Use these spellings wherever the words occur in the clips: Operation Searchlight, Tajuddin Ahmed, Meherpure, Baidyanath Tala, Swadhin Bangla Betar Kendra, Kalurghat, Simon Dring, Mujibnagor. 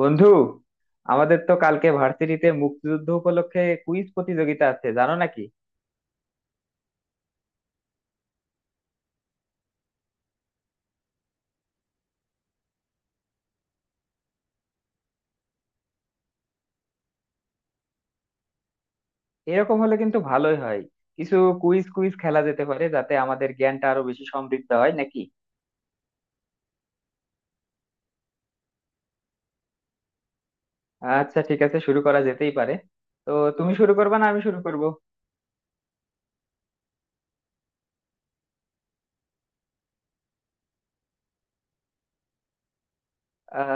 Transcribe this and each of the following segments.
বন্ধু, আমাদের তো কালকে ভার্সিটিতে মুক্তিযুদ্ধ উপলক্ষে কুইজ প্রতিযোগিতা আছে, জানো নাকি? এরকম হলে কিন্তু ভালোই হয়। কিছু কুইজ কুইজ খেলা যেতে পারে যাতে আমাদের জ্ঞানটা আরো বেশি সমৃদ্ধ হয়, নাকি? আচ্ছা ঠিক আছে, শুরু করা যেতেই পারে। তো তুমি শুরু করবে না আমি শুরু করব?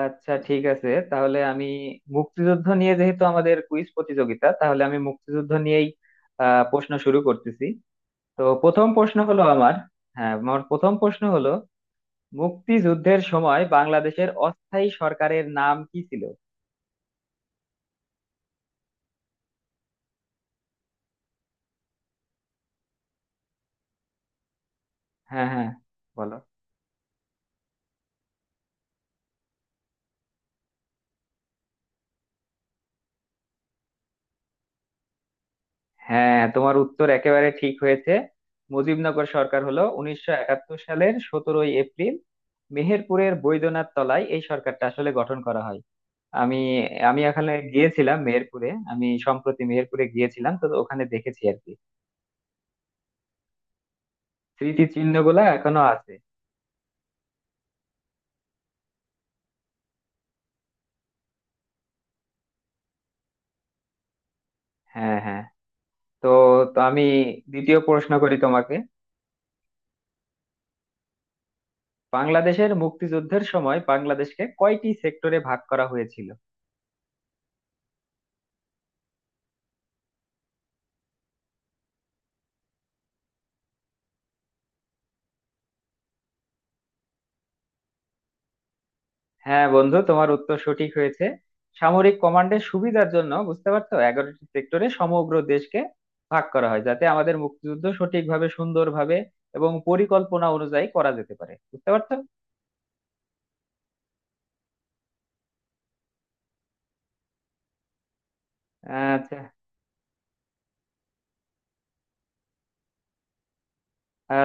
আচ্ছা ঠিক আছে, তাহলে আমি মুক্তিযুদ্ধ নিয়ে, যেহেতু আমাদের কুইজ প্রতিযোগিতা, তাহলে আমি মুক্তিযুদ্ধ নিয়েই প্রশ্ন শুরু করতেছি। তো প্রথম প্রশ্ন হলো আমার। হ্যাঁ, আমার প্রথম প্রশ্ন হলো, মুক্তিযুদ্ধের সময় বাংলাদেশের অস্থায়ী সরকারের নাম কি ছিল? হ্যাঁ হ্যাঁ। বলো। হ্যাঁ, তোমার উত্তর একেবারে ঠিক হয়েছে। মুজিবনগর সরকার হলো 1971 সালের 17ই এপ্রিল মেহেরপুরের বৈদ্যনাথ তলায় এই সরকারটা আসলে গঠন করা হয়। আমি আমি এখানে গিয়েছিলাম, মেহেরপুরে আমি সম্প্রতি মেহেরপুরে গিয়েছিলাম, তো ওখানে দেখেছি আর কি। স্মৃতি চিহ্ন গুলা এখনো আছে। হ্যাঁ হ্যাঁ। তো তো আমি দ্বিতীয় প্রশ্ন করি তোমাকে। বাংলাদেশের মুক্তিযুদ্ধের সময় বাংলাদেশকে কয়টি সেক্টরে ভাগ করা হয়েছিল? হ্যাঁ বন্ধু, তোমার উত্তর সঠিক হয়েছে। সামরিক কমান্ডের সুবিধার জন্য, বুঝতে পারছো, 11টি সেক্টরে সমগ্র দেশকে ভাগ করা হয় যাতে আমাদের মুক্তিযুদ্ধ সঠিকভাবে, সুন্দরভাবে এবং পরিকল্পনা অনুযায়ী করা যেতে পারে, বুঝতে পারছো। আচ্ছা।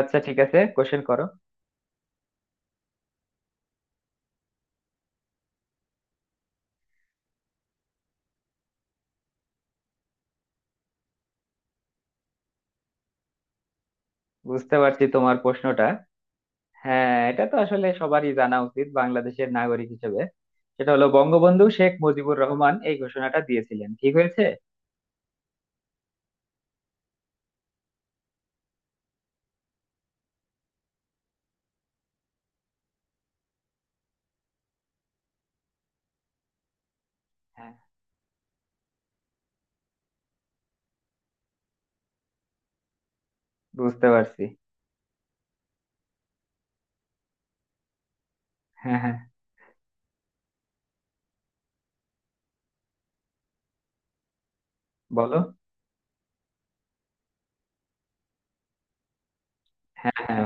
আচ্ছা ঠিক আছে, কোশ্চেন করো। বুঝতে পারছি তোমার প্রশ্নটা। হ্যাঁ, এটা তো আসলে সবারই জানা উচিত বাংলাদেশের নাগরিক হিসেবে। সেটা হলো বঙ্গবন্ধু শেখ মুজিবুর রহমান এই ঘোষণাটা দিয়েছিলেন। ঠিক হয়েছে? হ্যাঁ বুঝতে পারছি। হ্যাঁ হ্যাঁ। বলো। হ্যাঁ হ্যাঁ,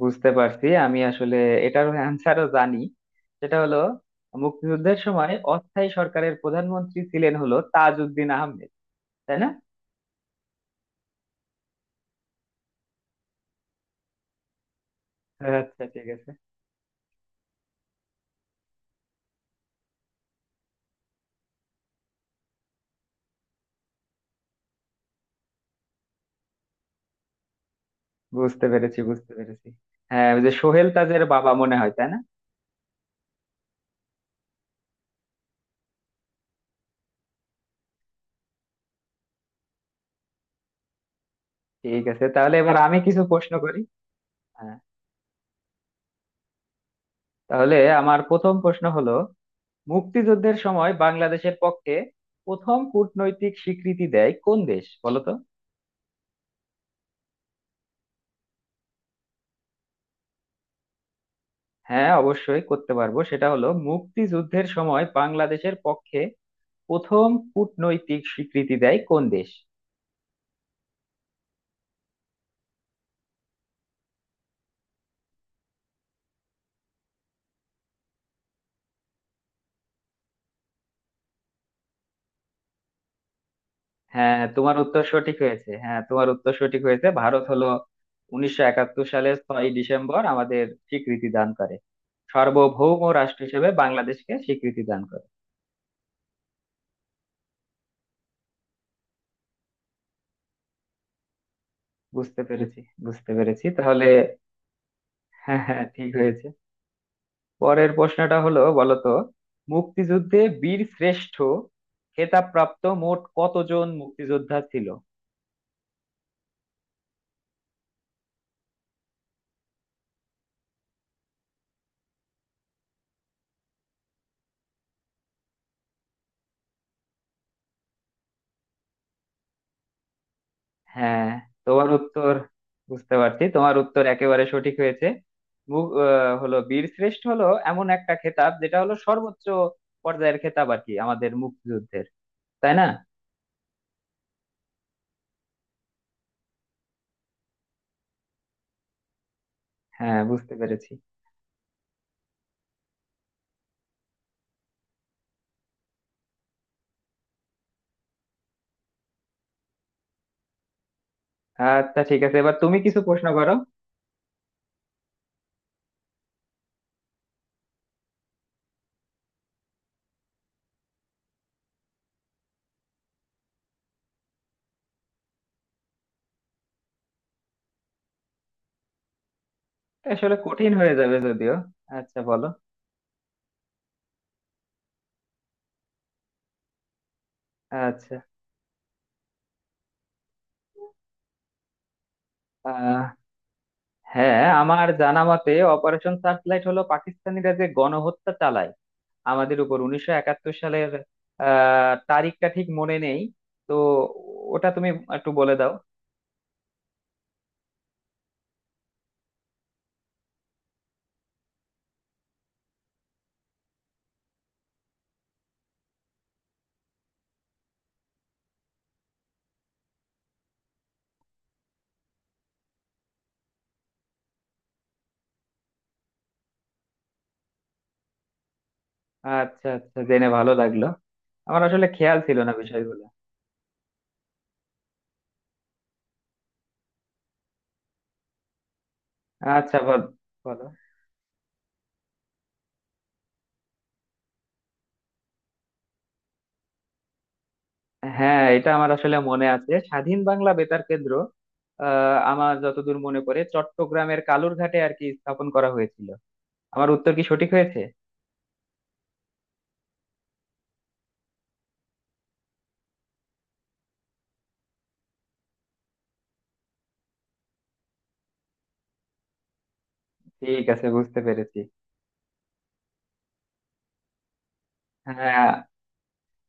বুঝতে পারছি। আমি আসলে এটার অ্যান্সারও জানি। সেটা হলো, মুক্তিযুদ্ধের সময় অস্থায়ী সরকারের প্রধানমন্ত্রী ছিলেন হলো তাজউদ্দিন আহমেদ। তাই না? আচ্ছা ঠিক আছে। বুঝতে পেরেছি। হ্যাঁ, ওই যে সোহেল তাজের বাবা, মনে হয়, তাই না? ঠিক আছে, তাহলে এবার আমি কিছু প্রশ্ন করি। হ্যাঁ। তাহলে আমার প্রথম প্রশ্ন হলো, মুক্তিযুদ্ধের সময় বাংলাদেশের পক্ষে প্রথম কূটনৈতিক স্বীকৃতি দেয় কোন দেশ, বলো তো? হ্যাঁ অবশ্যই করতে পারবো। সেটা হলো, মুক্তিযুদ্ধের সময় বাংলাদেশের পক্ষে প্রথম কূটনৈতিক স্বীকৃতি দেয় কোন দেশ? হ্যাঁ তোমার উত্তর সঠিক হয়েছে। হ্যাঁ তোমার উত্তর সঠিক হয়েছে। ভারত হলো 1971 সালের 6 ডিসেম্বর আমাদের স্বীকৃতি দান করে, সার্বভৌম রাষ্ট্র হিসেবে বাংলাদেশকে স্বীকৃতি দান করে। বুঝতে পেরেছি বুঝতে পেরেছি। তাহলে হ্যাঁ হ্যাঁ, ঠিক হয়েছে। পরের প্রশ্নটা হলো, বলতো মুক্তিযুদ্ধে বীর শ্রেষ্ঠ খেতাবপ্রাপ্ত মোট কতজন মুক্তিযোদ্ধা ছিল? হ্যাঁ তোমার উত্তর, বুঝতে পারছি তোমার উত্তর একেবারে সঠিক হয়েছে। হলো বীর শ্রেষ্ঠ হলো এমন একটা খেতাব যেটা হলো সর্বোচ্চ পর্যায়ের খেতাব আর কি আমাদের মুক্তিযুদ্ধের, তাই না? হ্যাঁ বুঝতে পেরেছি। আচ্ছা ঠিক আছে, এবার তুমি কিছু প্রশ্ন করো। এটা আসলে কঠিন হয়ে যাবে যদিও। আচ্ছা বলো। আচ্ছা। আহ হ্যাঁ, আমার জানা মতে অপারেশন সার্চলাইট হলো পাকিস্তানিরা যে গণহত্যা চালায় আমাদের উপর 1971 সালের, তারিখটা ঠিক মনে নেই। তো ওটা তুমি একটু বলে দাও। আচ্ছা আচ্ছা, জেনে ভালো লাগলো। আমার আসলে খেয়াল ছিল না বিষয়গুলো। আচ্ছা বল। বলো। হ্যাঁ এটা আমার আসলে মনে আছে, স্বাধীন বাংলা বেতার কেন্দ্র, আমার যতদূর মনে পড়ে চট্টগ্রামের কালুরঘাটে আর কি স্থাপন করা হয়েছিল। আমার উত্তর কি সঠিক হয়েছে? ঠিক আছে, বুঝতে পেরেছি। হ্যাঁ,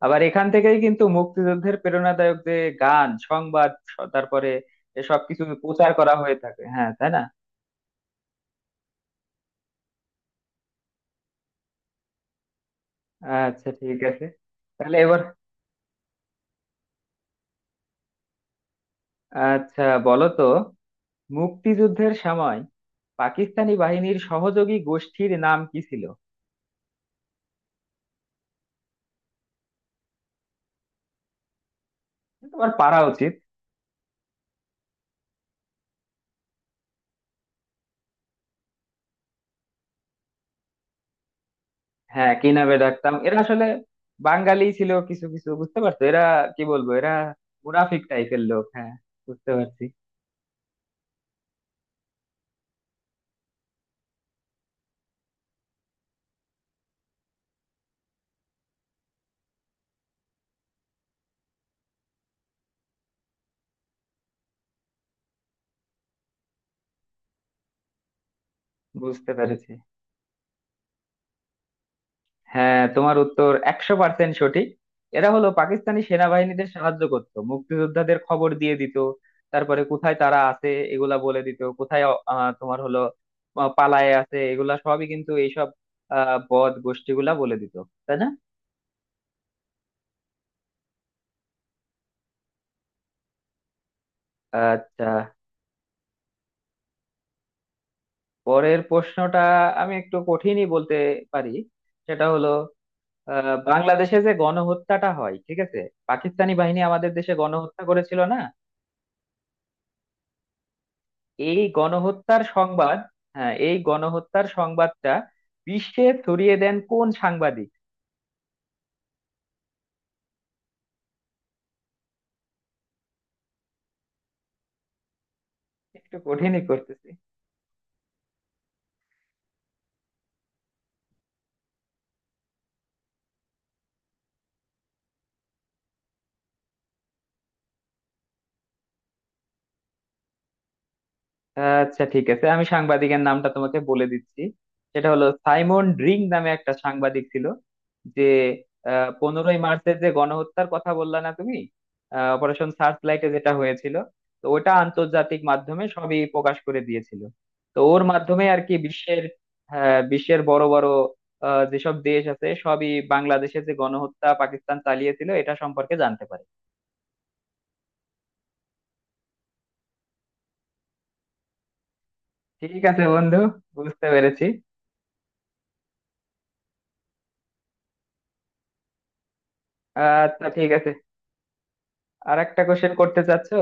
আবার এখান থেকেই কিন্তু মুক্তিযুদ্ধের প্রেরণাদায়ক যে গান, সংবাদ, তারপরে এসব কিছু প্রচার করা হয়ে থাকে, হ্যাঁ তাই না? আচ্ছা ঠিক আছে, তাহলে এবার। আচ্ছা বলো তো, মুক্তিযুদ্ধের সময় পাকিস্তানি বাহিনীর সহযোগী গোষ্ঠীর নাম কি ছিল? তোমার পারা উচিত। হ্যাঁ, কি নামে ডাকতাম, এরা আসলে বাঙালি ছিল কিছু কিছু, বুঝতে পারছো, এরা কি বলবো, এরা মুনাফিক টাইপের লোক, হ্যাঁ। বুঝতে পারছি। বুঝতে পেরেছি। হ্যাঁ, তোমার উত্তর 100% সঠিক। এরা হলো পাকিস্তানি সেনাবাহিনীদের সাহায্য করত, মুক্তিযোদ্ধাদের খবর দিয়ে দিত, তারপরে কোথায় তারা আছে এগুলা বলে দিত, কোথায় তোমার হলো পালায়ে আছে এগুলা সবই, কিন্তু এইসব বদ গোষ্ঠীগুলা বলে দিত, তাই না? আচ্ছা। পরের প্রশ্নটা আমি একটু কঠিনই বলতে পারি। সেটা হলো, বাংলাদেশে যে গণহত্যাটা হয়, ঠিক আছে, পাকিস্তানি বাহিনী আমাদের দেশে গণহত্যা করেছিল না, এই গণহত্যার সংবাদ, হ্যাঁ, এই গণহত্যার সংবাদটা বিশ্বে ছড়িয়ে দেন কোন সাংবাদিক? একটু কঠিনই করতেছি। আচ্ছা ঠিক আছে, আমি সাংবাদিকের নামটা তোমাকে বলে দিচ্ছি। সেটা হলো, সাইমন ড্রিং নামে একটা সাংবাদিক ছিল, যে 15ই মার্চের যে গণহত্যার কথা বললা না তুমি, অপারেশন সার্চ লাইটে যেটা হয়েছিল, তো ওটা আন্তর্জাতিক মাধ্যমে সবই প্রকাশ করে দিয়েছিল। তো ওর মাধ্যমে আর কি বিশ্বের, বিশ্বের বড় বড় যেসব দেশ আছে সবই বাংলাদেশে যে গণহত্যা পাকিস্তান চালিয়েছিল এটা সম্পর্কে জানতে পারে। ঠিক আছে বন্ধু, বুঝতে পেরেছি। আচ্ছা ঠিক আছে, আর একটা কোশ্চেন করতে চাচ্ছো?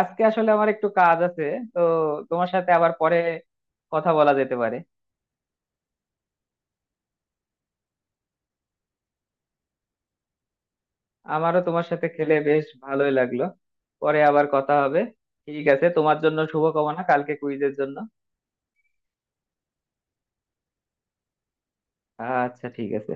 আজকে আসলে আমার একটু কাজ আছে, তো তোমার সাথে আবার পরে কথা বলা যেতে পারে। আমারও তোমার সাথে খেলে বেশ ভালোই লাগলো। পরে আবার কথা হবে। ঠিক আছে, তোমার জন্য শুভকামনা কালকে কুইজের জন্য। আচ্ছা ঠিক আছে।